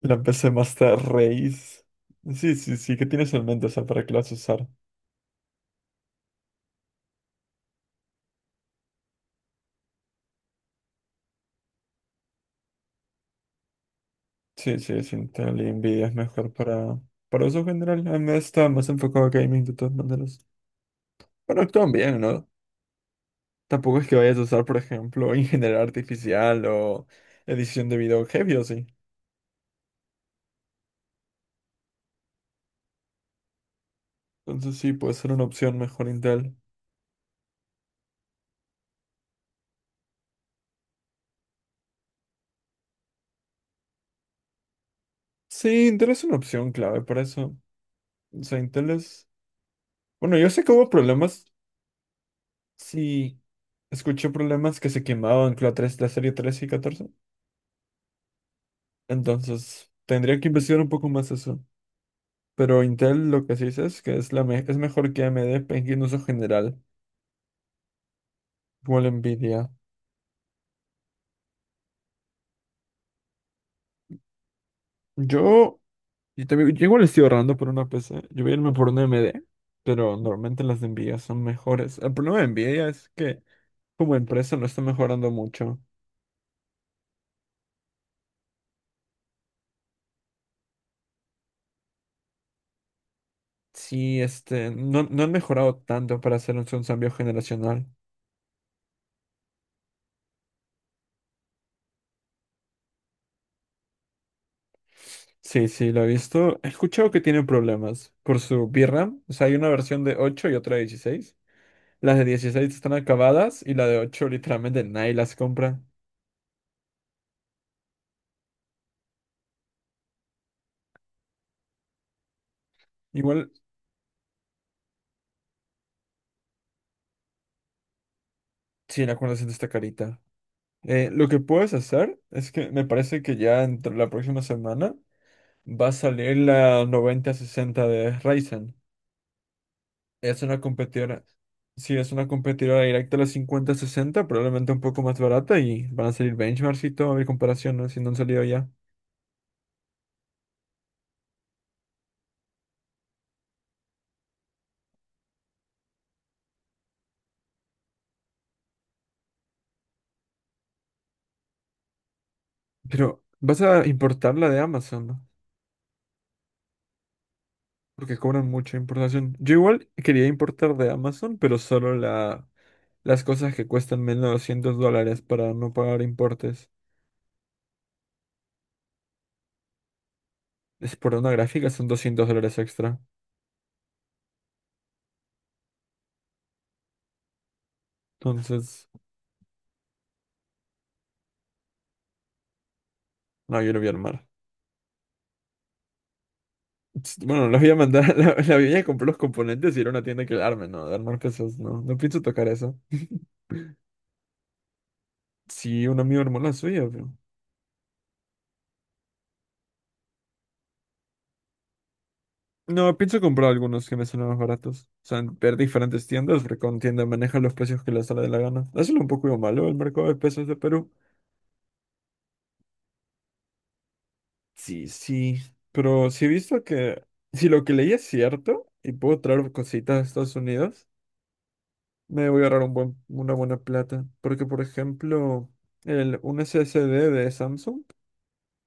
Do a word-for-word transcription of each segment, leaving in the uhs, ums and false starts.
La P C Master Race. Sí, sí, sí, ¿qué tienes en mente? O sea, ¿para qué la vas a usar? Sí, sí, sí, Intel y Nvidia es mejor para, para uso general. A mí está más enfocado a gaming de todas maneras. Bueno, actúan bien, ¿no? Tampoco es que vayas a usar, por ejemplo, ingeniería artificial o edición de video heavy o sí. Entonces sí, puede ser una opción mejor Intel. Sí, Intel es una opción clave para eso. O sea, Intel es... Bueno, yo sé que hubo problemas. Sí, escuché problemas que se quemaban con la, tres, la serie trece y catorce. Entonces, tendría que investigar un poco más eso. Pero Intel lo que sí dice es que es, la me- es mejor que A M D en uso general, igual Nvidia. Yo, y también, yo igual estoy ahorrando por una P C. Yo voy a irme por una A M D, pero normalmente las de Nvidia son mejores. El problema de Nvidia es que como empresa no está mejorando mucho. Sí, este, no, no han mejorado tanto para hacer un un cambio generacional. Sí, sí, lo he visto. He escuchado que tiene problemas por su VRAM. O sea, hay una versión de ocho y otra de dieciséis. Las de dieciséis están acabadas y la de ocho literalmente nadie las compra. Igual, sí, la acuerdo siento está carita. Eh, lo que puedes hacer es que me parece que ya entre la próxima semana va a salir la noventa sesenta de Ryzen. Es una competidora. Sí, es una competidora directa a la cincuenta sesenta, probablemente un poco más barata y van a salir benchmarks y todo, a ver comparaciones si no han salido ya. Pero, ¿vas a importar la de Amazon? Porque cobran mucha importación. Yo igual quería importar de Amazon, pero solo la, las cosas que cuestan menos de doscientos dólares para no pagar importes. Es por una gráfica, son doscientos dólares extra. Entonces, no, yo lo voy a armar. Ts- Bueno, las voy a mandar, la, la voy a comprar los componentes y ir a una tienda que la arme, no, de armar cosas, no, no pienso tocar eso. Sí, un amigo armó la suya, pero... No, pienso comprar algunos que me salen más baratos. O sea, ver diferentes tiendas, porque con tienda maneja los precios que les sale de la gana. Eso es un poco lo malo el mercado de pesos de Perú. Sí, sí, pero si he visto que si lo que leí es cierto y puedo traer cositas a Estados Unidos, me voy a ahorrar un buen, una buena plata. Porque, por ejemplo, el, un S S D de Samsung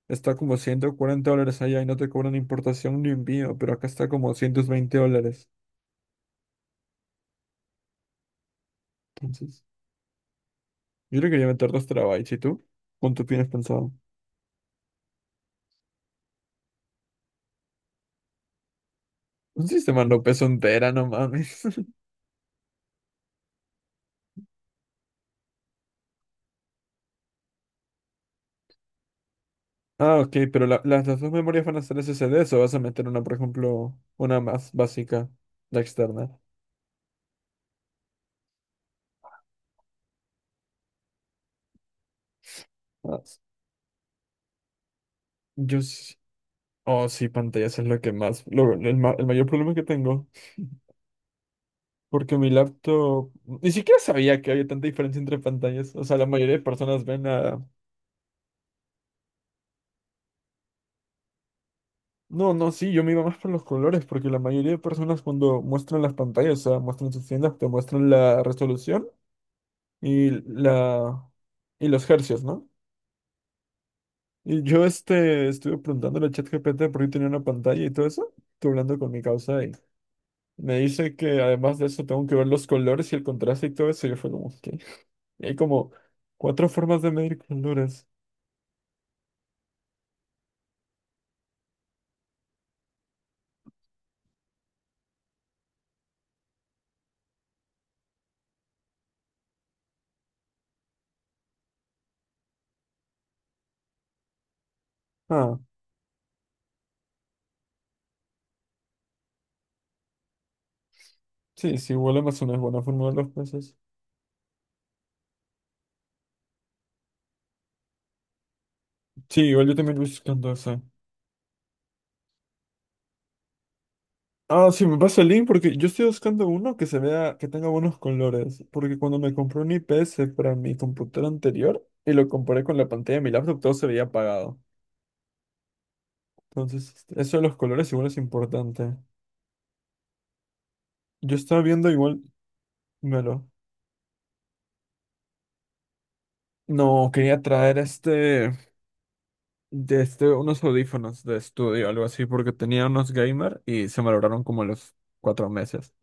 está como ciento cuarenta dólares allá y no te cobran importación ni envío, pero acá está como ciento veinte dólares. Entonces, yo le quería meter dos terabytes. ¿Y tú? ¿Cuánto tienes pensado? Un sistema no pesa un tera, no mames. Ah, ok, pero la- las, las dos memorias van a ser S S Ds o vas a meter una, por ejemplo, una más básica, la externa. Ah, s- yo sí. Oh, sí, pantallas es lo que más, lo- el, ma- el mayor problema que tengo. Porque mi laptop. Ni siquiera sabía que había tanta diferencia entre pantallas. O sea, la mayoría de personas ven a. No, no, sí, yo me iba más por los colores. Porque la mayoría de personas, cuando muestran las pantallas, o sea, muestran sus tiendas, te muestran la resolución y la. Y los hercios, ¿no? Y yo este estuve preguntándole a ChatGPT por qué tenía una pantalla y todo eso. Estuve hablando con mi causa y me dice que además de eso tengo que ver los colores y el contraste y todo eso. Y yo fue como, ok. Y hay como cuatro formas de medir colores. Ah, sí, sí, igual Amazon es buena forma de ver los peces. Sí, igual yo también voy buscando esa. Ah, sí, me pasa el link porque yo estoy buscando uno que se vea, que tenga buenos colores. Porque cuando me compré un I P S para mi computadora anterior y lo comparé con la pantalla de mi laptop, todo se veía apagado. Entonces, este, eso de los colores igual es importante. Yo estaba viendo igual, melo. No, quería traer este, de este, unos audífonos de estudio, algo así, porque tenía unos gamer y se malograron como a los cuatro meses.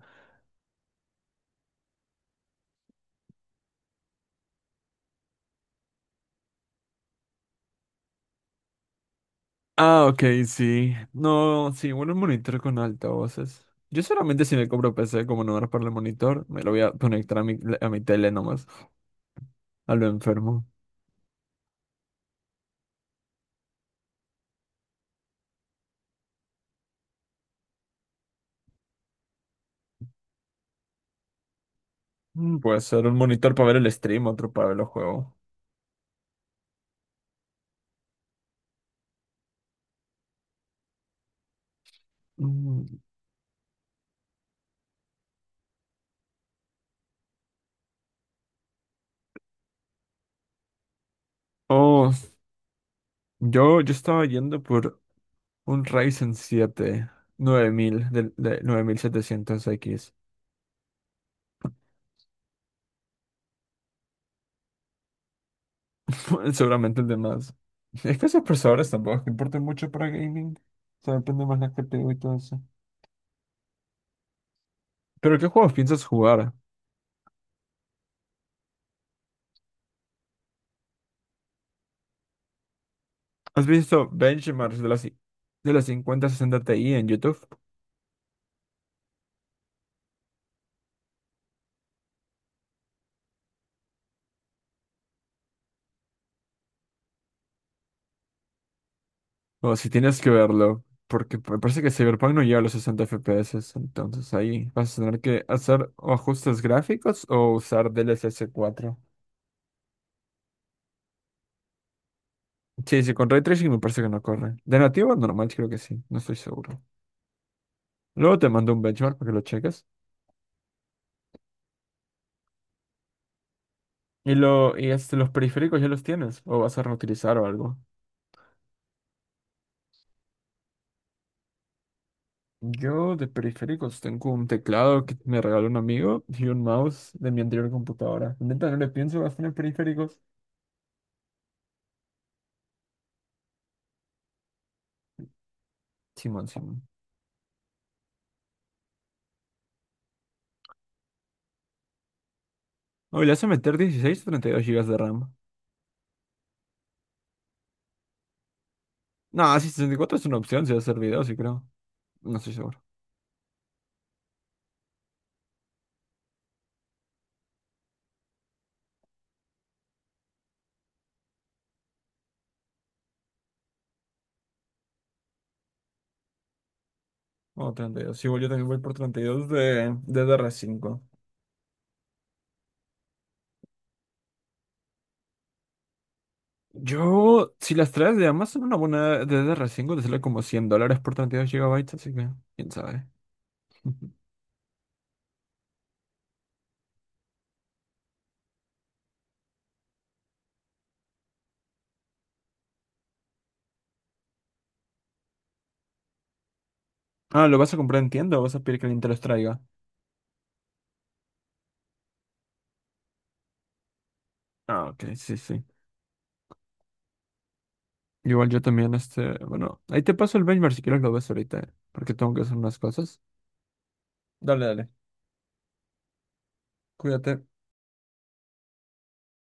Ah, ok, sí. No, sí, bueno, un monitor con altavoces. Yo solamente si me compro P C como no era para el monitor, me lo voy a conectar a mi, a mi tele nomás, a lo enfermo. Mm, Puede ser un monitor para ver el stream, otro para ver los juegos. Mm, oh. Yo, yo estaba yendo por un Ryzen siete nueve mil de, de, nueve mil setecientos x. Seguramente el de más. Es que esos procesadores tampoco es que importan mucho para gaming. O sea, depende más la C P U y todo eso. Pero ¿qué juegos piensas jugar? ¿Has visto benchmarks de las, de las cincuenta sesenta Ti en YouTube? O si tienes que verlo, porque me parece que Cyberpunk no llega a los sesenta F P S, entonces ahí vas a tener que hacer o ajustes gráficos o usar D L S S cuatro. Sí, sí, con Ray Tracing me parece que no corre. De nativo bueno, normal creo que sí, no estoy seguro. Luego te mando un benchmark para que lo cheques. Y lo, y este, los periféricos ya los tienes, o vas a reutilizar o algo. Yo de periféricos tengo un teclado que me regaló un amigo y un mouse de mi anterior computadora. Neta, no le pienso gastar en periféricos. Simón, Simón. Oh, le hace meter dieciséis o treinta y dos gigas de RAM. No, sí, sesenta y cuatro es una opción si vas a hacer videos, sí creo. No estoy seguro. Oh, treinta y dos. Sí, bueno, yo también voy por treinta y dos de, de, dr cinco. Yo, si las traes de Amazon, una buena D D R cinco te sale como cien dólares por treinta y dos gigabytes, así que, quién sabe. Ah, ¿lo vas a comprar en tienda o vas a pedir que alguien te los traiga? Ah, ok, sí, sí. Igual yo también, este, bueno, ahí te paso el benchmark si quieres lo ves ahorita, eh, porque tengo que hacer unas cosas. Dale, dale, cuídate.